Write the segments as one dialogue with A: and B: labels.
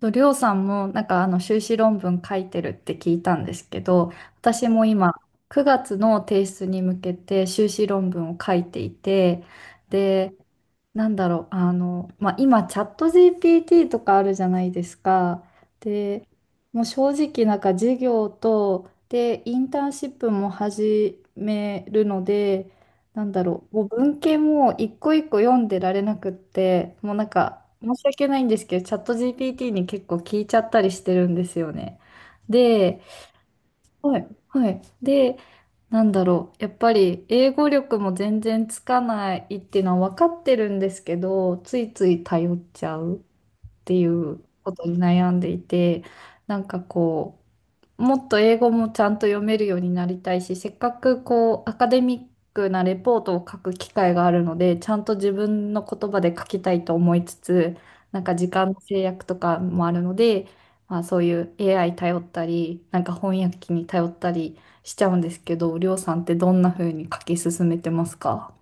A: と、りょうさんもなんか修士論文書いてるって聞いたんですけど、私も今9月の提出に向けて修士論文を書いていて、で、なんだろう、まあ、今チャット GPT とかあるじゃないですか。で、もう正直なんか授業と、で、インターンシップも始めるので、なんだろう、もう文献も一個一個読んでられなくって、もうなんか申し訳ないんですけど、チャット GPT に結構聞いちゃったりしてるんですよね。で、はい、はい。で、なんだろう、やっぱり英語力も全然つかないっていうのは分かってるんですけど、ついつい頼っちゃうっていうことに悩んでいて、なんかこう、もっと英語もちゃんと読めるようになりたいし、せっかくこうアカデミックなレポートを書く機会があるので、ちゃんと自分の言葉で書きたいと思いつつ、なんか時間の制約とかもあるので、まあ、そういう AI 頼ったり、なんか翻訳機に頼ったりしちゃうんですけど、りょうさんってどんな風に書き進めてますか？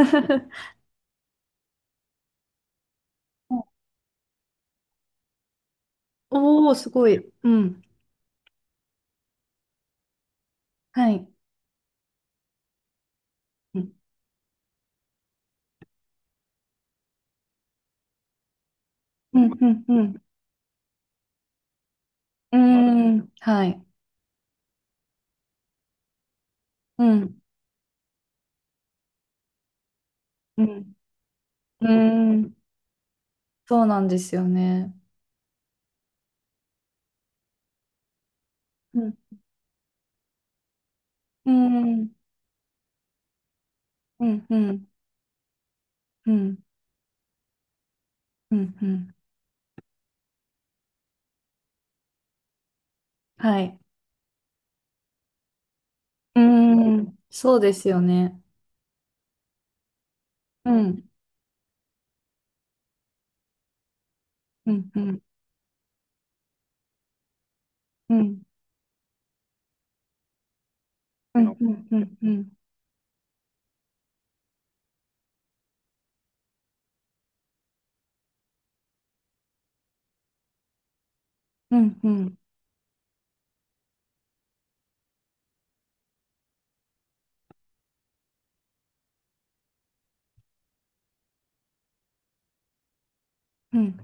A: おおー、すごい。うん。はい。うん、うん、うん、うん。うーん、はい。うん、うん、うーん。そうなんですよね。うん。うん、うん、うん、うん、うん、うん。はい。うん、そうですよね。うん、うん、うん、うん、うん、うん、うん、うん、うん、うん、うん、うん、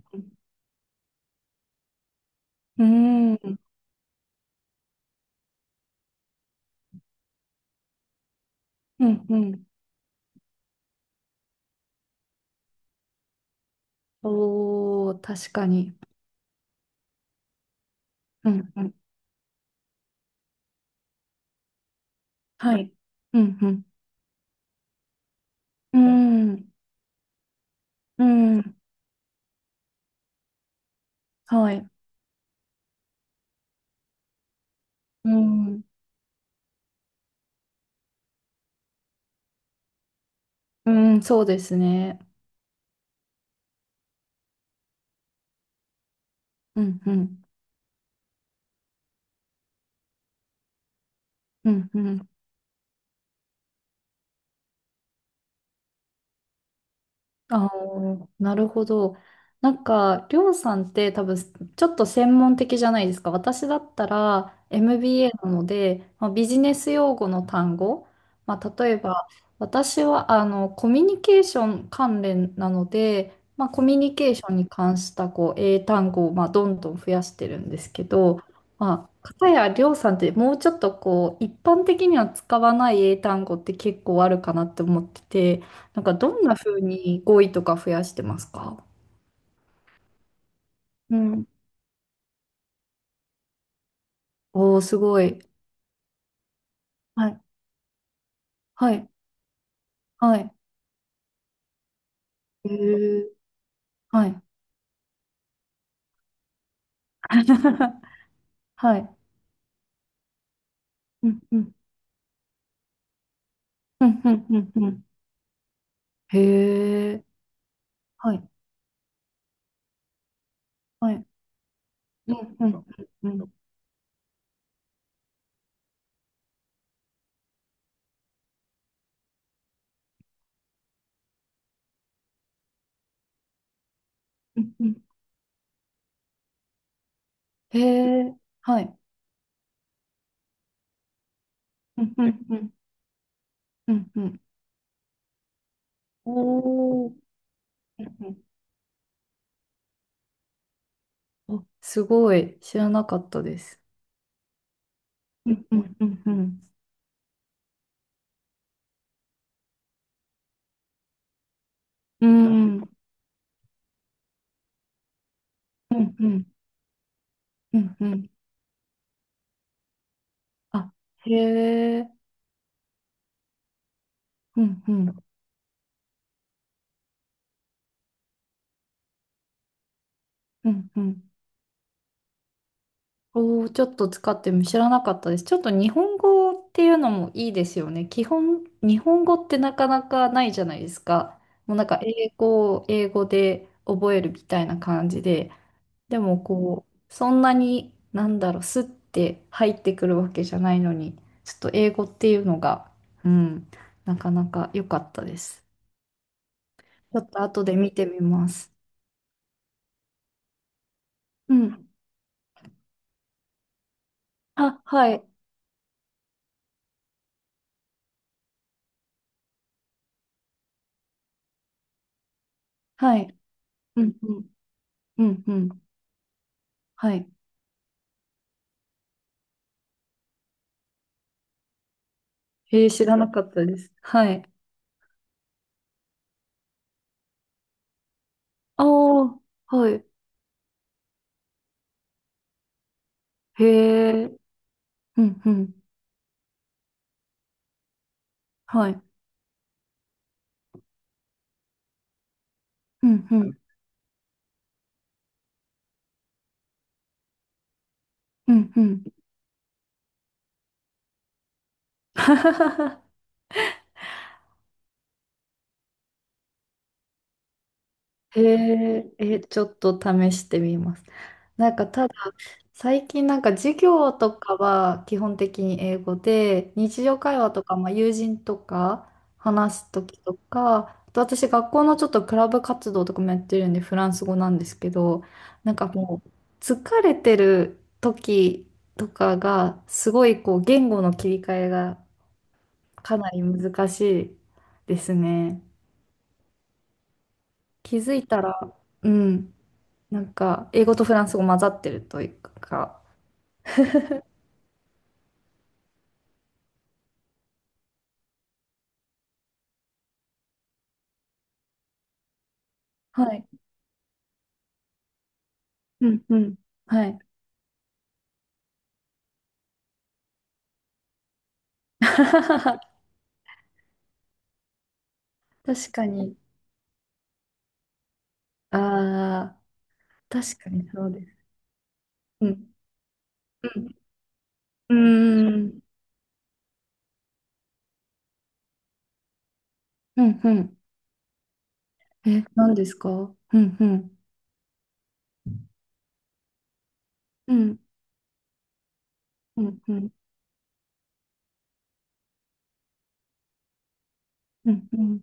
A: うん、うん。おー、確かに。うん、うん。はい。うん、うん、うん、うん。はい。うん、うん、そうですね。うん、うん、うん、うん。ああ、なるほど。なんか、りょうさんって多分、ちょっと専門的じゃないですか。私だったら MBA なので、まあ、ビジネス用語の単語、まあ、例えば、私はコミュニケーション関連なので、まあ、コミュニケーションに関したこう英単語をまあどんどん増やしてるんですけど、まあ、片やりょうさんってもうちょっとこう一般的には使わない英単語って結構あるかなって思ってて。なんかどんな風に語彙とか増やしてますか？うん。おー、すごい。はい。はい。はい。へー、はい。はい。うん。うん。うん。うん。うんうん。へえ。はい。はい。うん。うん。うん。うん。うん、へえ。はい。うん。うん。うん。うんうん。おー、うんうん、おすごい。知らなかったです。うんうんうんうんうん。うんうんうんうんうん、あ、へえ、うんうんうんうん。おお、ちょっと使っても知らなかったです。ちょっと日本語っていうのもいいですよね。基本、日本語ってなかなかないじゃないですか。もうなんか英語を英語で覚えるみたいな感じで。でもこう、そんなに、なんだろう、スッて入ってくるわけじゃないのに、ちょっと英語っていうのが、うん、なかなか良かったです。ちょっと後で見てみます。うん。あ、はい、はい。うんうん、うんうん、はい。へえー、知らなかったです。はい。ああ、はい。へえ、うんうん。はい。うんうん。うんうん。へえ、え、ちょっと試してみます。なんかただ、最近なんか授業とかは基本的に英語で、日常会話とか、まあ、友人とか話す時とか、あと私学校のちょっとクラブ活動とかもやってるんでフランス語なんですけど、なんかもう疲れてる時とかがすごいこう言語の切り替えがかなり難しいですね。気づいたら、うん。なんか、英語とフランス語混ざってるというか、はい。うんうん。はい。確かに。ああ、確かにそうです。うん。うん。うーん。うんうん。え、何ですか？うんうん。うん。うんうん。うんうん。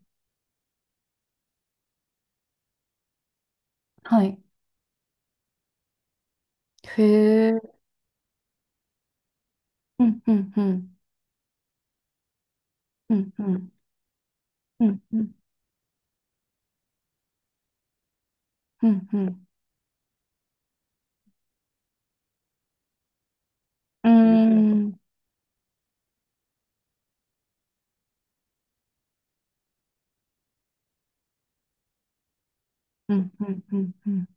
A: はい。へえ。うんうんうん。うんうん。うんうん。うんうん。うーん。うんうんうんうん。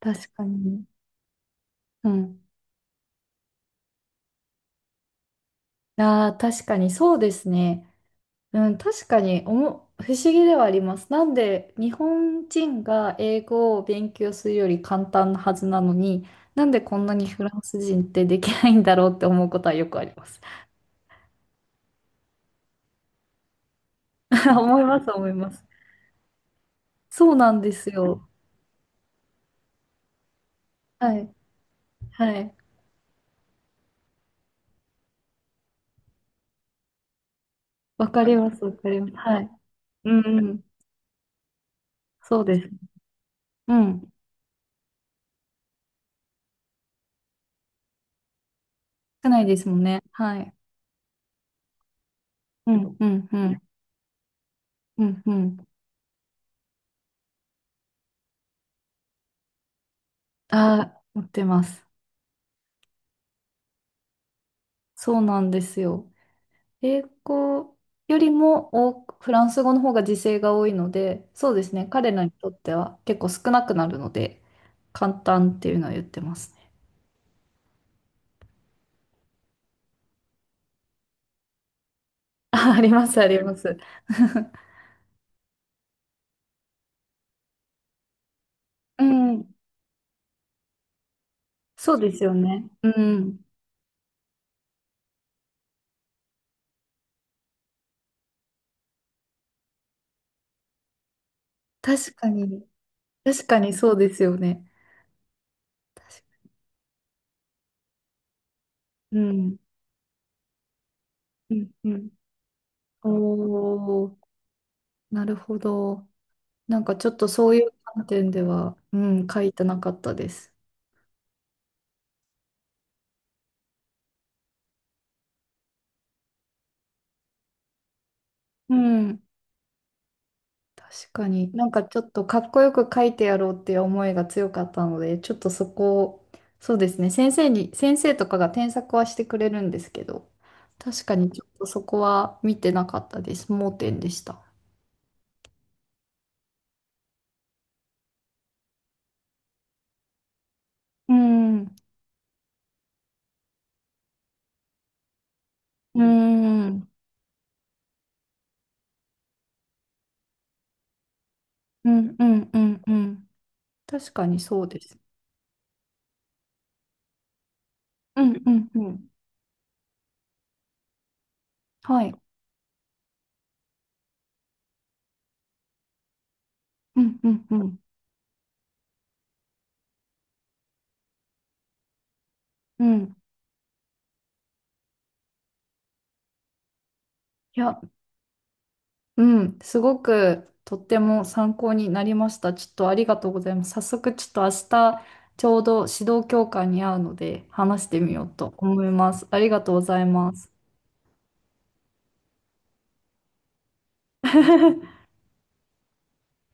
A: 確かに。うん。ああ、確かにそうですね。うん、確かにおも、不思議ではあります。なんで日本人が英語を勉強するより簡単なはずなのに、なんでこんなにフランス人ってできないんだろうって思うことはよくあります。思います、思います。そうなんですよ。はい、はい。わかります、わかります。はい。うんうん、そうです。うん。少ないですもんね。はい。うん、うん、うん、うん、うん。ああ、持ってます。そうなんですよ。英語よりも多くフランス語の方が時制が多いので、そうですね、彼らにとっては結構少なくなるので、簡単っていうのは言ってますね。あ、あります、あります。うん、そうですよね。うん、確かに、確かにそうですよね。確か、うん、うん、うん。おー、なるほど。なんかちょっとそういう観点では、うん、書いてなかったです。うん。確かになんかちょっとかっこよく書いてやろうっていう思いが強かったので、ちょっとそこを、そうですね、先生に、先生とかが添削はしてくれるんですけど、確かにちょっとそこは見てなかったです。盲点でした。うん、うん、うん、うん、うん、うんうん。確かにそうです。うん、うん、うん。はい。うん、うん、うん。うん。いや、うん、すごくとっても参考になりました。ちょっとありがとうございます。早速ちょっと明日ちょうど指導教官に会うので話してみようと思います。ありがとうございます。